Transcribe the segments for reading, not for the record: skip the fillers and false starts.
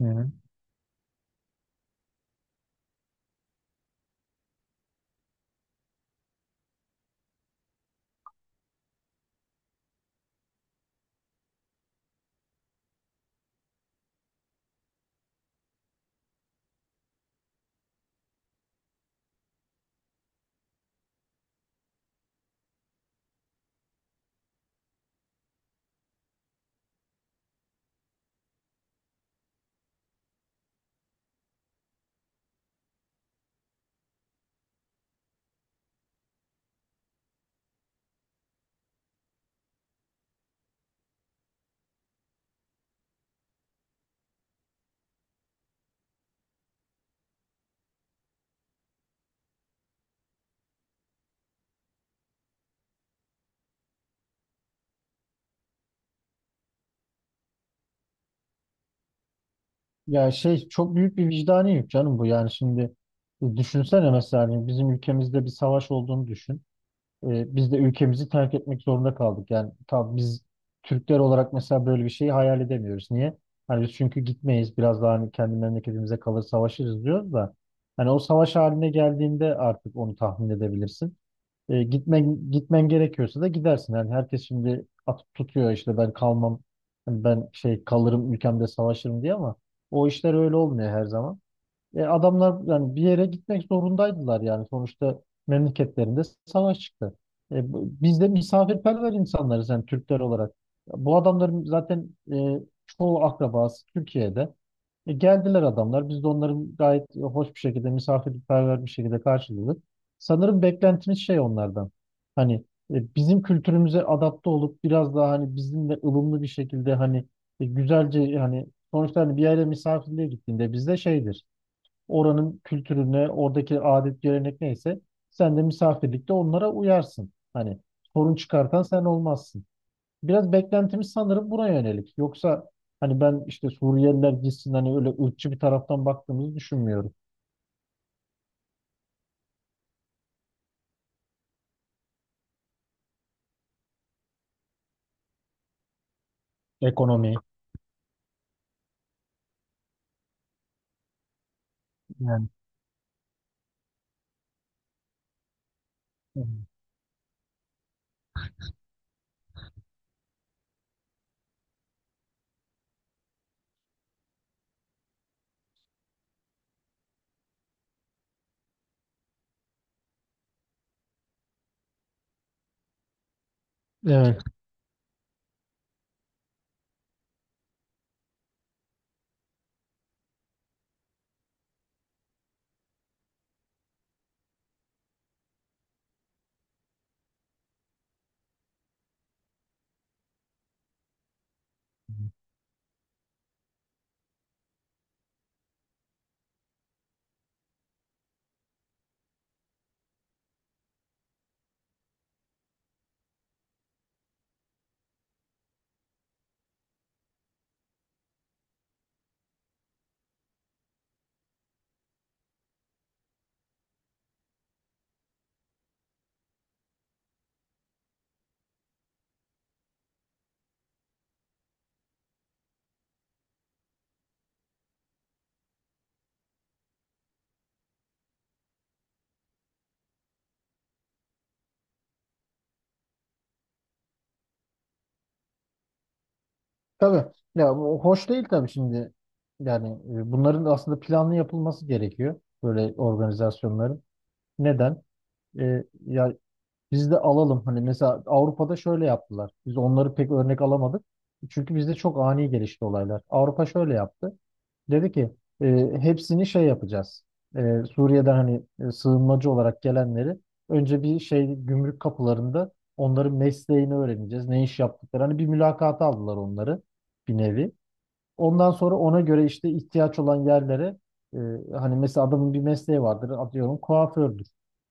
Hı. Ya şey çok büyük bir vicdani yük canım bu yani şimdi, düşünsene mesela hani bizim ülkemizde bir savaş olduğunu düşün. Biz de ülkemizi terk etmek zorunda kaldık. Yani tabii biz Türkler olarak mesela böyle bir şeyi hayal edemiyoruz. Niye? Hani biz çünkü gitmeyiz, biraz daha hani kendi memleketimize kalır savaşırız diyoruz da hani o savaş haline geldiğinde artık onu tahmin edebilirsin. Gitmen gerekiyorsa da gidersin. Yani herkes şimdi atıp tutuyor işte ben kalmam, ben şey kalırım ülkemde savaşırım diye ama o işler öyle olmuyor her zaman. Adamlar yani bir yere gitmek zorundaydılar yani sonuçta memleketlerinde savaş çıktı. Biz de misafirperver insanlarız yani Türkler olarak. Bu adamların zaten çoğu akrabası Türkiye'de. Geldiler adamlar. Biz de onların gayet hoş bir şekilde misafirperver bir şekilde karşıladık. Sanırım beklentimiz şey onlardan. Hani, bizim kültürümüze adapte olup biraz daha hani bizimle ılımlı bir şekilde hani, güzelce hani, sonuçta hani bir yere misafirliğe gittiğinde bizde şeydir, oranın kültürüne, oradaki adet gelenek neyse sen de misafirlikte onlara uyarsın. Hani sorun çıkartan sen olmazsın. Biraz beklentimiz sanırım buna yönelik. Yoksa hani ben işte Suriyeliler gitsin, hani öyle ırkçı bir taraftan baktığımızı düşünmüyorum. Ekonomi yani. Evet. Tabii. Ya bu hoş değil tabii şimdi. Yani, bunların aslında planlı yapılması gerekiyor. Böyle organizasyonların. Neden? Ya, biz de alalım. Hani mesela Avrupa'da şöyle yaptılar. Biz onları pek örnek alamadık. Çünkü bizde çok ani gelişti olaylar. Avrupa şöyle yaptı. Dedi ki, e, hepsini şey yapacağız. Suriye'den hani, sığınmacı olarak gelenleri önce bir şey gümrük kapılarında onların mesleğini öğreneceğiz. Ne iş yaptıkları. Hani bir mülakata aldılar onları, bir nevi. Ondan sonra ona göre işte ihtiyaç olan yerlere, e, hani mesela adamın bir mesleği vardır, atıyorum kuafördür.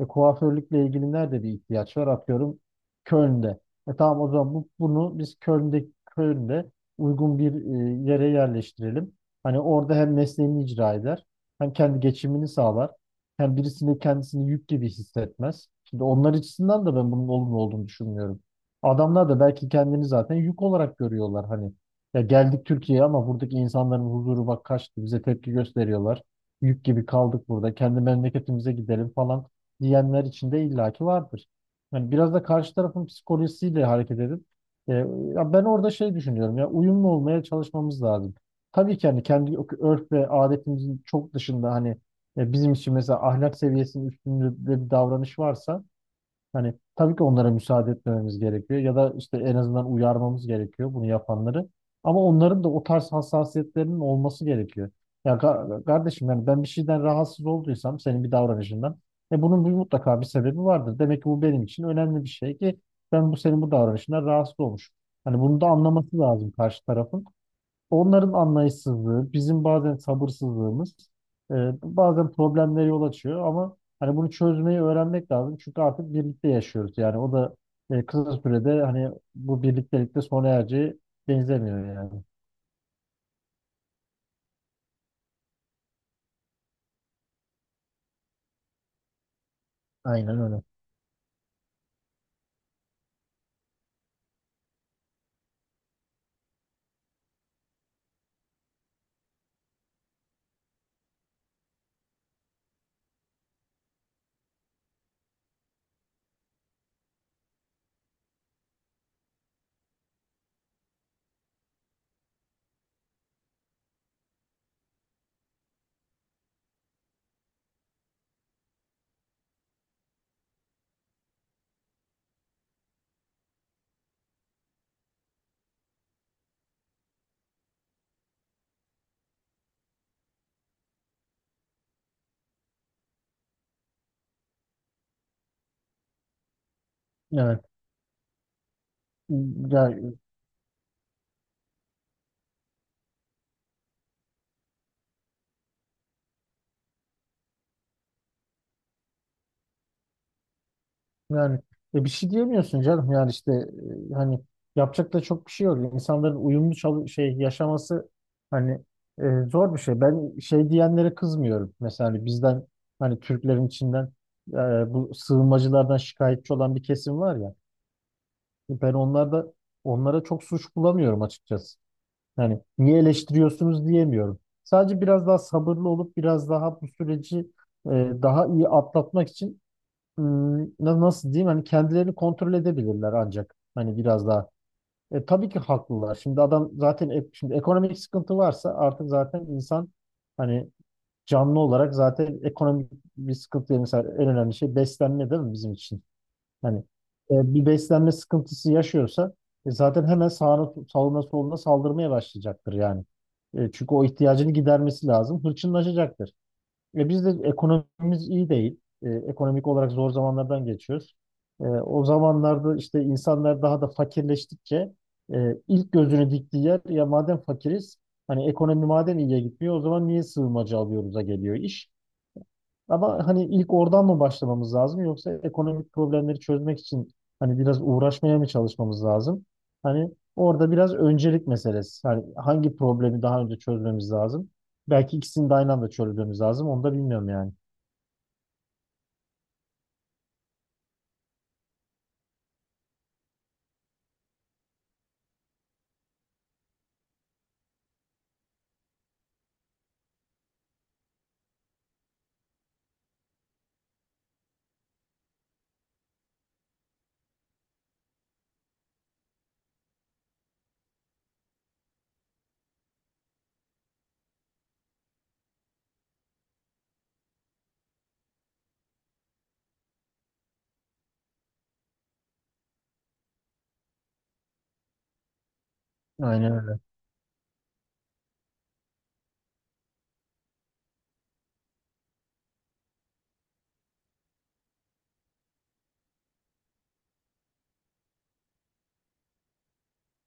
Kuaförlükle ilgili nerede bir ihtiyaç var, atıyorum Köln'de. Tamam, o zaman bunu biz Köln'de uygun bir yere yerleştirelim. Hani orada hem mesleğini icra eder, hem kendi geçimini sağlar, hem birisini kendisini yük gibi hissetmez. Şimdi onlar açısından da ben bunun olumlu olduğunu düşünmüyorum. Adamlar da belki kendini zaten yük olarak görüyorlar hani. Ya geldik Türkiye'ye ama buradaki insanların huzuru bak kaçtı. Bize tepki gösteriyorlar. Yük gibi kaldık burada. Kendi memleketimize gidelim falan diyenler içinde illaki vardır. Yani biraz da karşı tarafın psikolojisiyle hareket edip, ya ben orada şey düşünüyorum, ya uyumlu olmaya çalışmamız lazım. Tabii ki hani kendi örf ve adetimizin çok dışında hani, bizim için mesela ahlak seviyesinin üstünde bir davranış varsa, hani tabii ki onlara müsaade etmememiz gerekiyor ya da işte en azından uyarmamız gerekiyor bunu yapanları. Ama onların da o tarz hassasiyetlerinin olması gerekiyor. Ya kardeşim yani ben bir şeyden rahatsız olduysam senin bir davranışından, bunun bir mutlaka bir sebebi vardır. Demek ki bu benim için önemli bir şey ki ben bu senin bu davranışından rahatsız olmuşum. Hani bunu da anlaması lazım karşı tarafın. Onların anlayışsızlığı, bizim bazen sabırsızlığımız, e, bazen problemlere yol açıyor ama hani bunu çözmeyi öğrenmek lazım. Çünkü artık birlikte yaşıyoruz. Yani o da, kısa sürede hani bu birliktelikte sona ereceği benzemiyor yani. Aynen öyle. Evet. Ya, yani, bir şey diyemiyorsun canım. Yani işte, hani yapacak da çok bir şey yok. İnsanların uyumlu şey yaşaması hani, zor bir şey. Ben şey diyenlere kızmıyorum. Mesela hani bizden, hani Türklerin içinden, e, bu sığınmacılardan şikayetçi olan bir kesim var ya. Ben onlara çok suç bulamıyorum açıkçası. Yani niye eleştiriyorsunuz diyemiyorum. Sadece biraz daha sabırlı olup biraz daha bu süreci, e, daha iyi atlatmak için, nasıl diyeyim, hani kendilerini kontrol edebilirler ancak hani biraz daha. Tabii ki haklılar. Şimdi adam zaten şimdi ekonomik sıkıntı varsa artık zaten insan hani, canlı olarak zaten ekonomik bir sıkıntı, yani mesela en önemli şey beslenme değil mi bizim için? Hani, bir beslenme sıkıntısı yaşıyorsa, zaten hemen sağına soluna saldırmaya başlayacaktır yani. Çünkü o ihtiyacını gidermesi lazım. Hırçınlaşacaktır. Biz de ekonomimiz iyi değil. Ekonomik olarak zor zamanlardan geçiyoruz. O zamanlarda işte insanlar daha da fakirleştikçe, ilk gözünü diktiği yer, ya madem fakiriz, hani ekonomi madem iyiye gitmiyor, o zaman niye sığınmacı alıyoruz'a geliyor iş. Ama hani ilk oradan mı başlamamız lazım yoksa ekonomik problemleri çözmek için hani biraz uğraşmaya mı çalışmamız lazım? Hani orada biraz öncelik meselesi. Hani hangi problemi daha önce çözmemiz lazım? Belki ikisini de aynı anda çözmemiz lazım. Onu da bilmiyorum yani. Aynen öyle.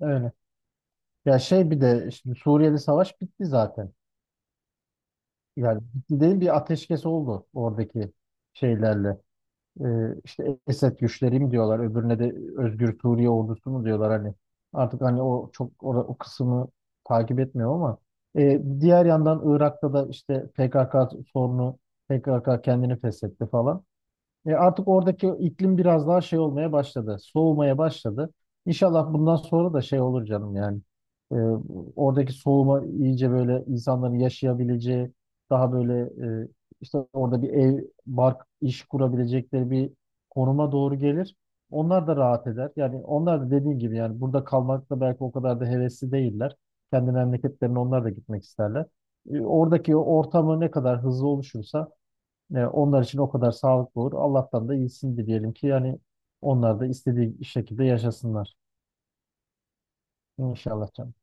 Öyle. Ya şey, bir de şimdi Suriye'de savaş bitti zaten. Yani bitti değil, bir ateşkes oldu oradaki şeylerle. Ee, işte Esed güçleri mi diyorlar, öbürüne de Özgür Suriye ordusu mu diyorlar hani. Artık hani o kısmı takip etmiyor ama diğer yandan Irak'ta da işte PKK sorunu, PKK kendini feshetti falan. Artık oradaki iklim biraz daha şey olmaya başladı. Soğumaya başladı. İnşallah bundan sonra da şey olur canım yani. E, Oradaki soğuma iyice, böyle insanların yaşayabileceği, daha böyle, e, işte orada bir ev, bark, iş kurabilecekleri bir konuma doğru gelir. Onlar da rahat eder. Yani onlar da dediğim gibi yani burada kalmakta belki o kadar da hevesli değiller. Kendi memleketlerine onlar da gitmek isterler. Oradaki ortamı ne kadar hızlı oluşursa, onlar için o kadar sağlıklı olur. Allah'tan da iyisini dileyelim ki yani onlar da istediği şekilde yaşasınlar. İnşallah canım.